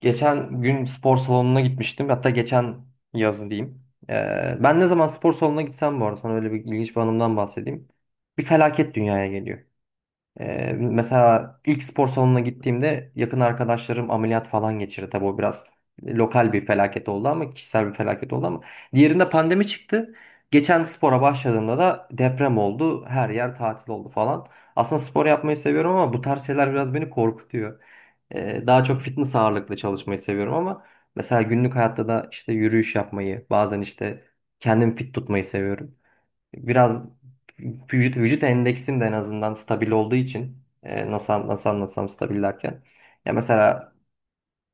Geçen gün spor salonuna gitmiştim. Hatta geçen yazı diyeyim. Ben ne zaman spor salonuna gitsem, bu arada sana öyle bir ilginç bir anımdan bahsedeyim. Bir felaket dünyaya geliyor. Mesela ilk spor salonuna gittiğimde yakın arkadaşlarım ameliyat falan geçirdi. Tabii o biraz lokal bir felaket oldu, ama kişisel bir felaket oldu ama. Diğerinde pandemi çıktı. Geçen spora başladığımda da deprem oldu. Her yer tatil oldu falan. Aslında spor yapmayı seviyorum ama bu tarz şeyler biraz beni korkutuyor. Daha çok fitness ağırlıklı çalışmayı seviyorum ama mesela günlük hayatta da işte yürüyüş yapmayı, bazen işte kendimi fit tutmayı seviyorum. Biraz vücut endeksim de en azından stabil olduğu için, nasıl nasıl anlatsam, stabil derken ya mesela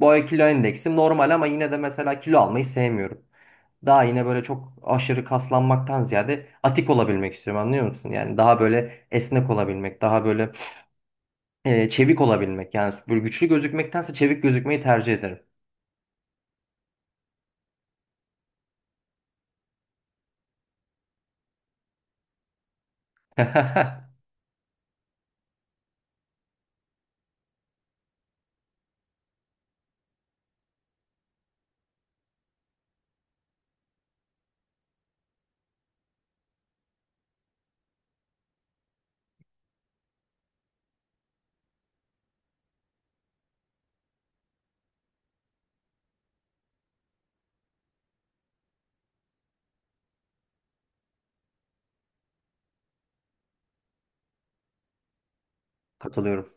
boy kilo endeksim normal, ama yine de mesela kilo almayı sevmiyorum. Daha yine böyle çok aşırı kaslanmaktan ziyade atik olabilmek istiyorum, anlıyor musun? Yani daha böyle esnek olabilmek, daha böyle çevik olabilmek. Yani böyle güçlü gözükmektense çevik gözükmeyi tercih ederim. Katılıyorum.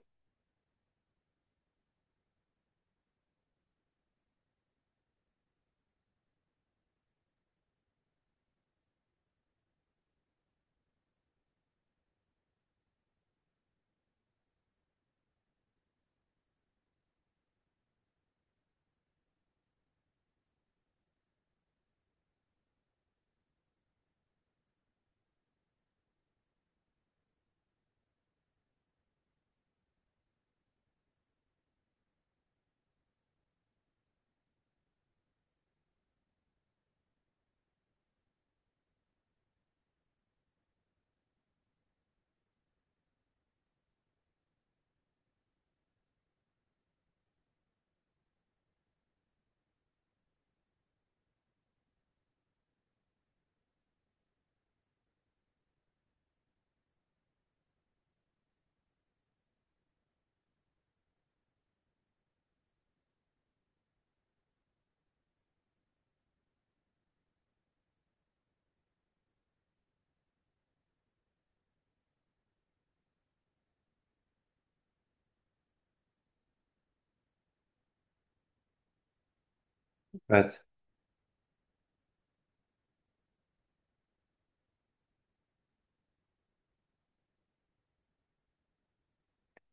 evet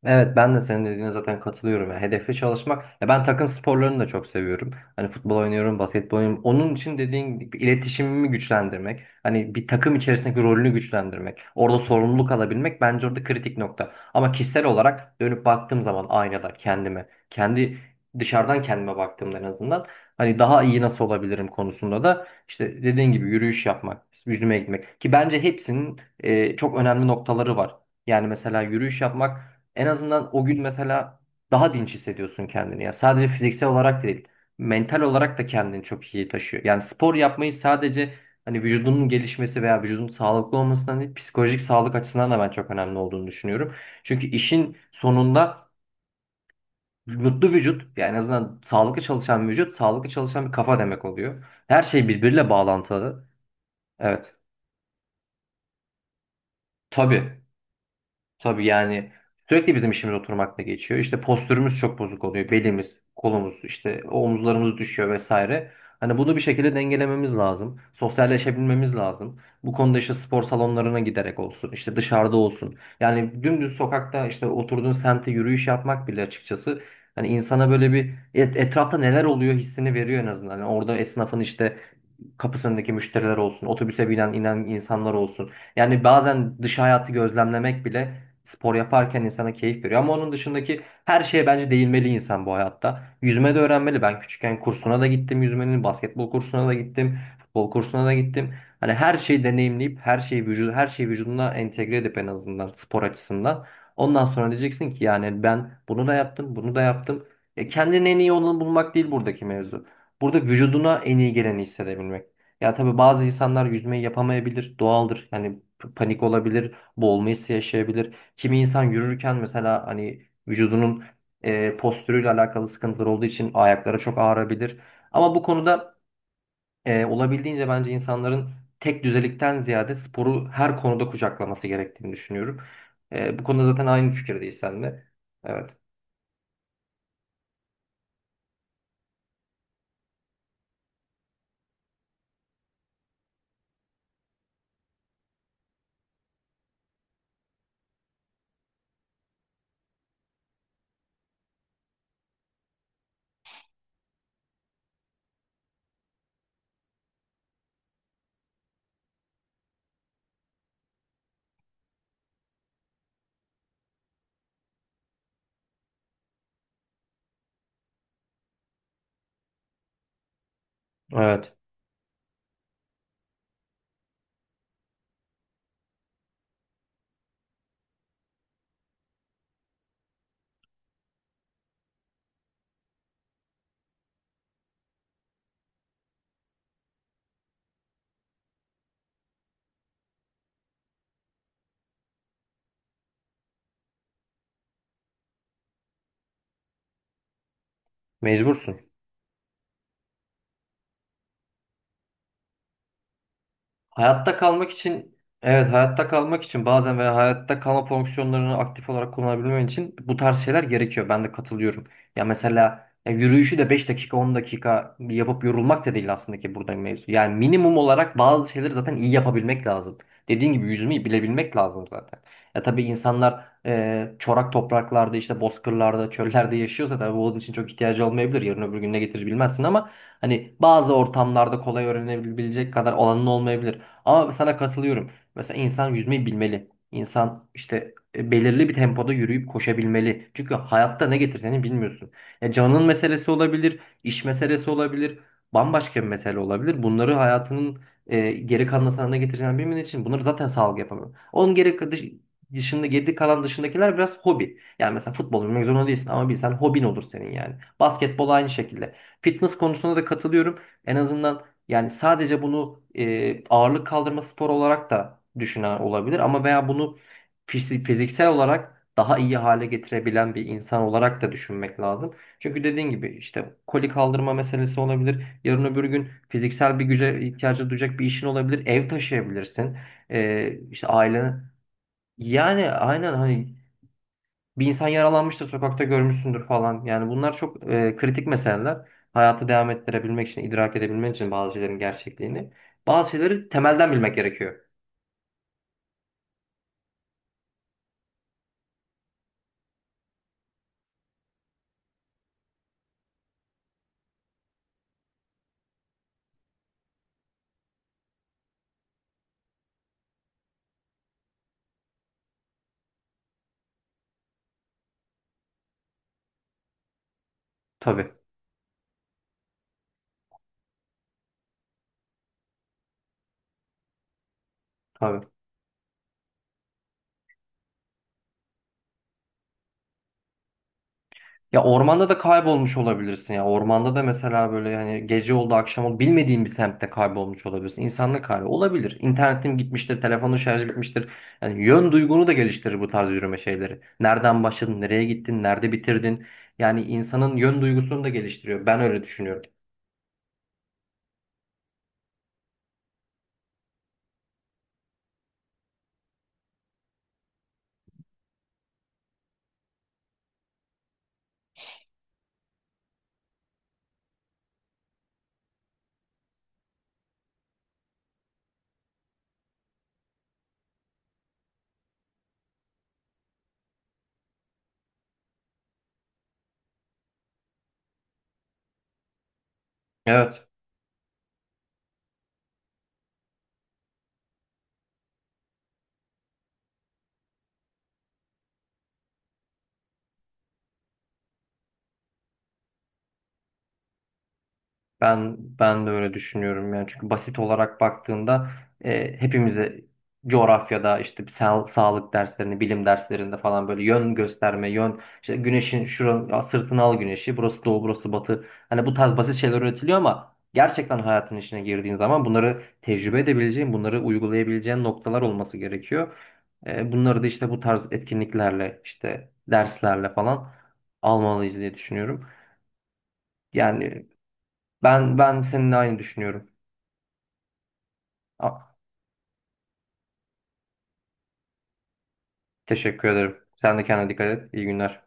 Evet ben de senin dediğine zaten katılıyorum. Yani hedefli çalışmak. Ya ben takım sporlarını da çok seviyorum. Hani futbol oynuyorum, basketbol oynuyorum. Onun için dediğin gibi iletişimimi güçlendirmek. Hani bir takım içerisindeki rolünü güçlendirmek. Orada sorumluluk alabilmek bence orada kritik nokta. Ama kişisel olarak dönüp baktığım zaman aynada kendime. Kendi dışarıdan kendime baktığımda en azından. Hani daha iyi nasıl olabilirim konusunda da işte dediğin gibi yürüyüş yapmak, yüzüme gitmek. Ki bence hepsinin çok önemli noktaları var. Yani mesela yürüyüş yapmak en azından o gün mesela daha dinç hissediyorsun kendini. Ya sadece fiziksel olarak değil, mental olarak da kendini çok iyi taşıyor. Yani spor yapmayı sadece hani vücudunun gelişmesi veya vücudun sağlıklı olmasından değil, psikolojik sağlık açısından da ben çok önemli olduğunu düşünüyorum. Çünkü işin sonunda mutlu vücut, yani en azından sağlıklı çalışan bir vücut, sağlıklı çalışan bir kafa demek oluyor. Her şey birbiriyle bağlantılı. Evet. Tabii. Tabii yani sürekli bizim işimiz oturmakla geçiyor. İşte postürümüz çok bozuk oluyor. Belimiz, kolumuz, işte omuzlarımız düşüyor vesaire. Hani bunu bir şekilde dengelememiz lazım. Sosyalleşebilmemiz lazım. Bu konuda işte spor salonlarına giderek olsun, işte dışarıda olsun. Yani dümdüz sokakta işte oturduğun semte yürüyüş yapmak bile açıkçası, hani insana böyle bir etrafta neler oluyor hissini veriyor en azından. Yani orada esnafın işte kapısındaki müşteriler olsun, otobüse binen inen insanlar olsun. Yani bazen dış hayatı gözlemlemek bile spor yaparken insana keyif veriyor. Ama onun dışındaki her şeye bence değinmeli insan bu hayatta. Yüzme de öğrenmeli. Ben küçükken kursuna da gittim yüzmenin, basketbol kursuna da gittim, futbol kursuna da gittim. Hani her şeyi deneyimleyip her şeyi vücuduna entegre edip en azından spor açısından. Ondan sonra diyeceksin ki yani ben bunu da yaptım, bunu da yaptım. E kendinin en iyi olanı bulmak değil buradaki mevzu. Burada vücuduna en iyi geleni hissedebilmek. Ya tabii bazı insanlar yüzmeyi yapamayabilir, doğaldır. Yani panik olabilir, boğulma hissi yaşayabilir. Kimi insan yürürken mesela hani vücudunun postürüyle alakalı sıkıntılar olduğu için ayaklara çok ağrabilir. Ama bu konuda olabildiğince bence insanların tek düzelikten ziyade sporu her konuda kucaklaması gerektiğini düşünüyorum. Bu konuda zaten aynı fikirdeyiz sen de. Evet. Evet. Mecbursun. Hayatta kalmak için, evet, hayatta kalmak için bazen veya hayatta kalma fonksiyonlarını aktif olarak kullanabilmen için bu tarz şeyler gerekiyor. Ben de katılıyorum. Ya mesela ya yürüyüşü de 5 dakika 10 dakika yapıp yorulmak da değil aslında ki burada mevzu. Yani minimum olarak bazı şeyleri zaten iyi yapabilmek lazım. Dediğin gibi yüzmeyi bilebilmek lazım zaten. Ya tabii insanlar çorak topraklarda işte bozkırlarda çöllerde yaşıyorsa tabii bunun için çok ihtiyacı olmayabilir. Yarın öbür gün ne getirir bilmezsin ama hani bazı ortamlarda kolay öğrenebilecek kadar olanın olmayabilir. Ama sana katılıyorum. Mesela insan yüzmeyi bilmeli. İnsan işte belirli bir tempoda yürüyüp koşabilmeli. Çünkü hayatta ne getireceğini bilmiyorsun. Ya canın meselesi olabilir, iş meselesi olabilir, bambaşka bir mesele olabilir. Bunları hayatının geri kalan sana ne getireceğini bilmediğin için bunları zaten sağlık yapamıyor. Onun dışında geri kalan dışındakiler biraz hobi. Yani mesela futbol oynamak zorunda değilsin ama bilsen hobin olur senin yani. Basketbol aynı şekilde. Fitness konusunda da katılıyorum. En azından yani sadece bunu ağırlık kaldırma sporu olarak da düşünen olabilir ama, veya bunu fiziksel olarak daha iyi hale getirebilen bir insan olarak da düşünmek lazım. Çünkü dediğin gibi işte koli kaldırma meselesi olabilir. Yarın öbür gün fiziksel bir güce ihtiyacı duyacak bir işin olabilir. Ev taşıyabilirsin. İşte ailen, yani aynen hani bir insan yaralanmıştır, sokakta görmüşsündür falan. Yani bunlar çok kritik meseleler. Hayatı devam ettirebilmek için, idrak edebilmek için bazı şeylerin gerçekliğini. Bazı şeyleri temelden bilmek gerekiyor. Tabii, tabii. Ya ormanda da kaybolmuş olabilirsin ya. Ormanda da mesela böyle yani gece oldu, akşam oldu, bilmediğin bir semtte kaybolmuş olabilirsin. İnsanlık hali olabilir. İnternetin gitmiştir, telefonun şarjı bitmiştir. Yani yön duygunu da geliştirir bu tarz yürüme şeyleri. Nereden başladın, nereye gittin, nerede bitirdin? Yani insanın yön duygusunu da geliştiriyor. Ben öyle düşünüyorum. Evet, ben de öyle düşünüyorum yani, çünkü basit olarak baktığında hepimize coğrafyada işte sağlık derslerinde, bilim derslerinde falan böyle yön gösterme, yön işte güneşin şuranın ya sırtına al güneşi, burası doğu, burası batı. Hani bu tarz basit şeyler öğretiliyor ama gerçekten hayatın içine girdiğin zaman bunları tecrübe edebileceğin, bunları uygulayabileceğin noktalar olması gerekiyor. Bunları da işte bu tarz etkinliklerle, işte derslerle falan almalıyız diye düşünüyorum. Yani, ben seninle aynı düşünüyorum. Ah, teşekkür ederim. Sen de kendine dikkat et. İyi günler.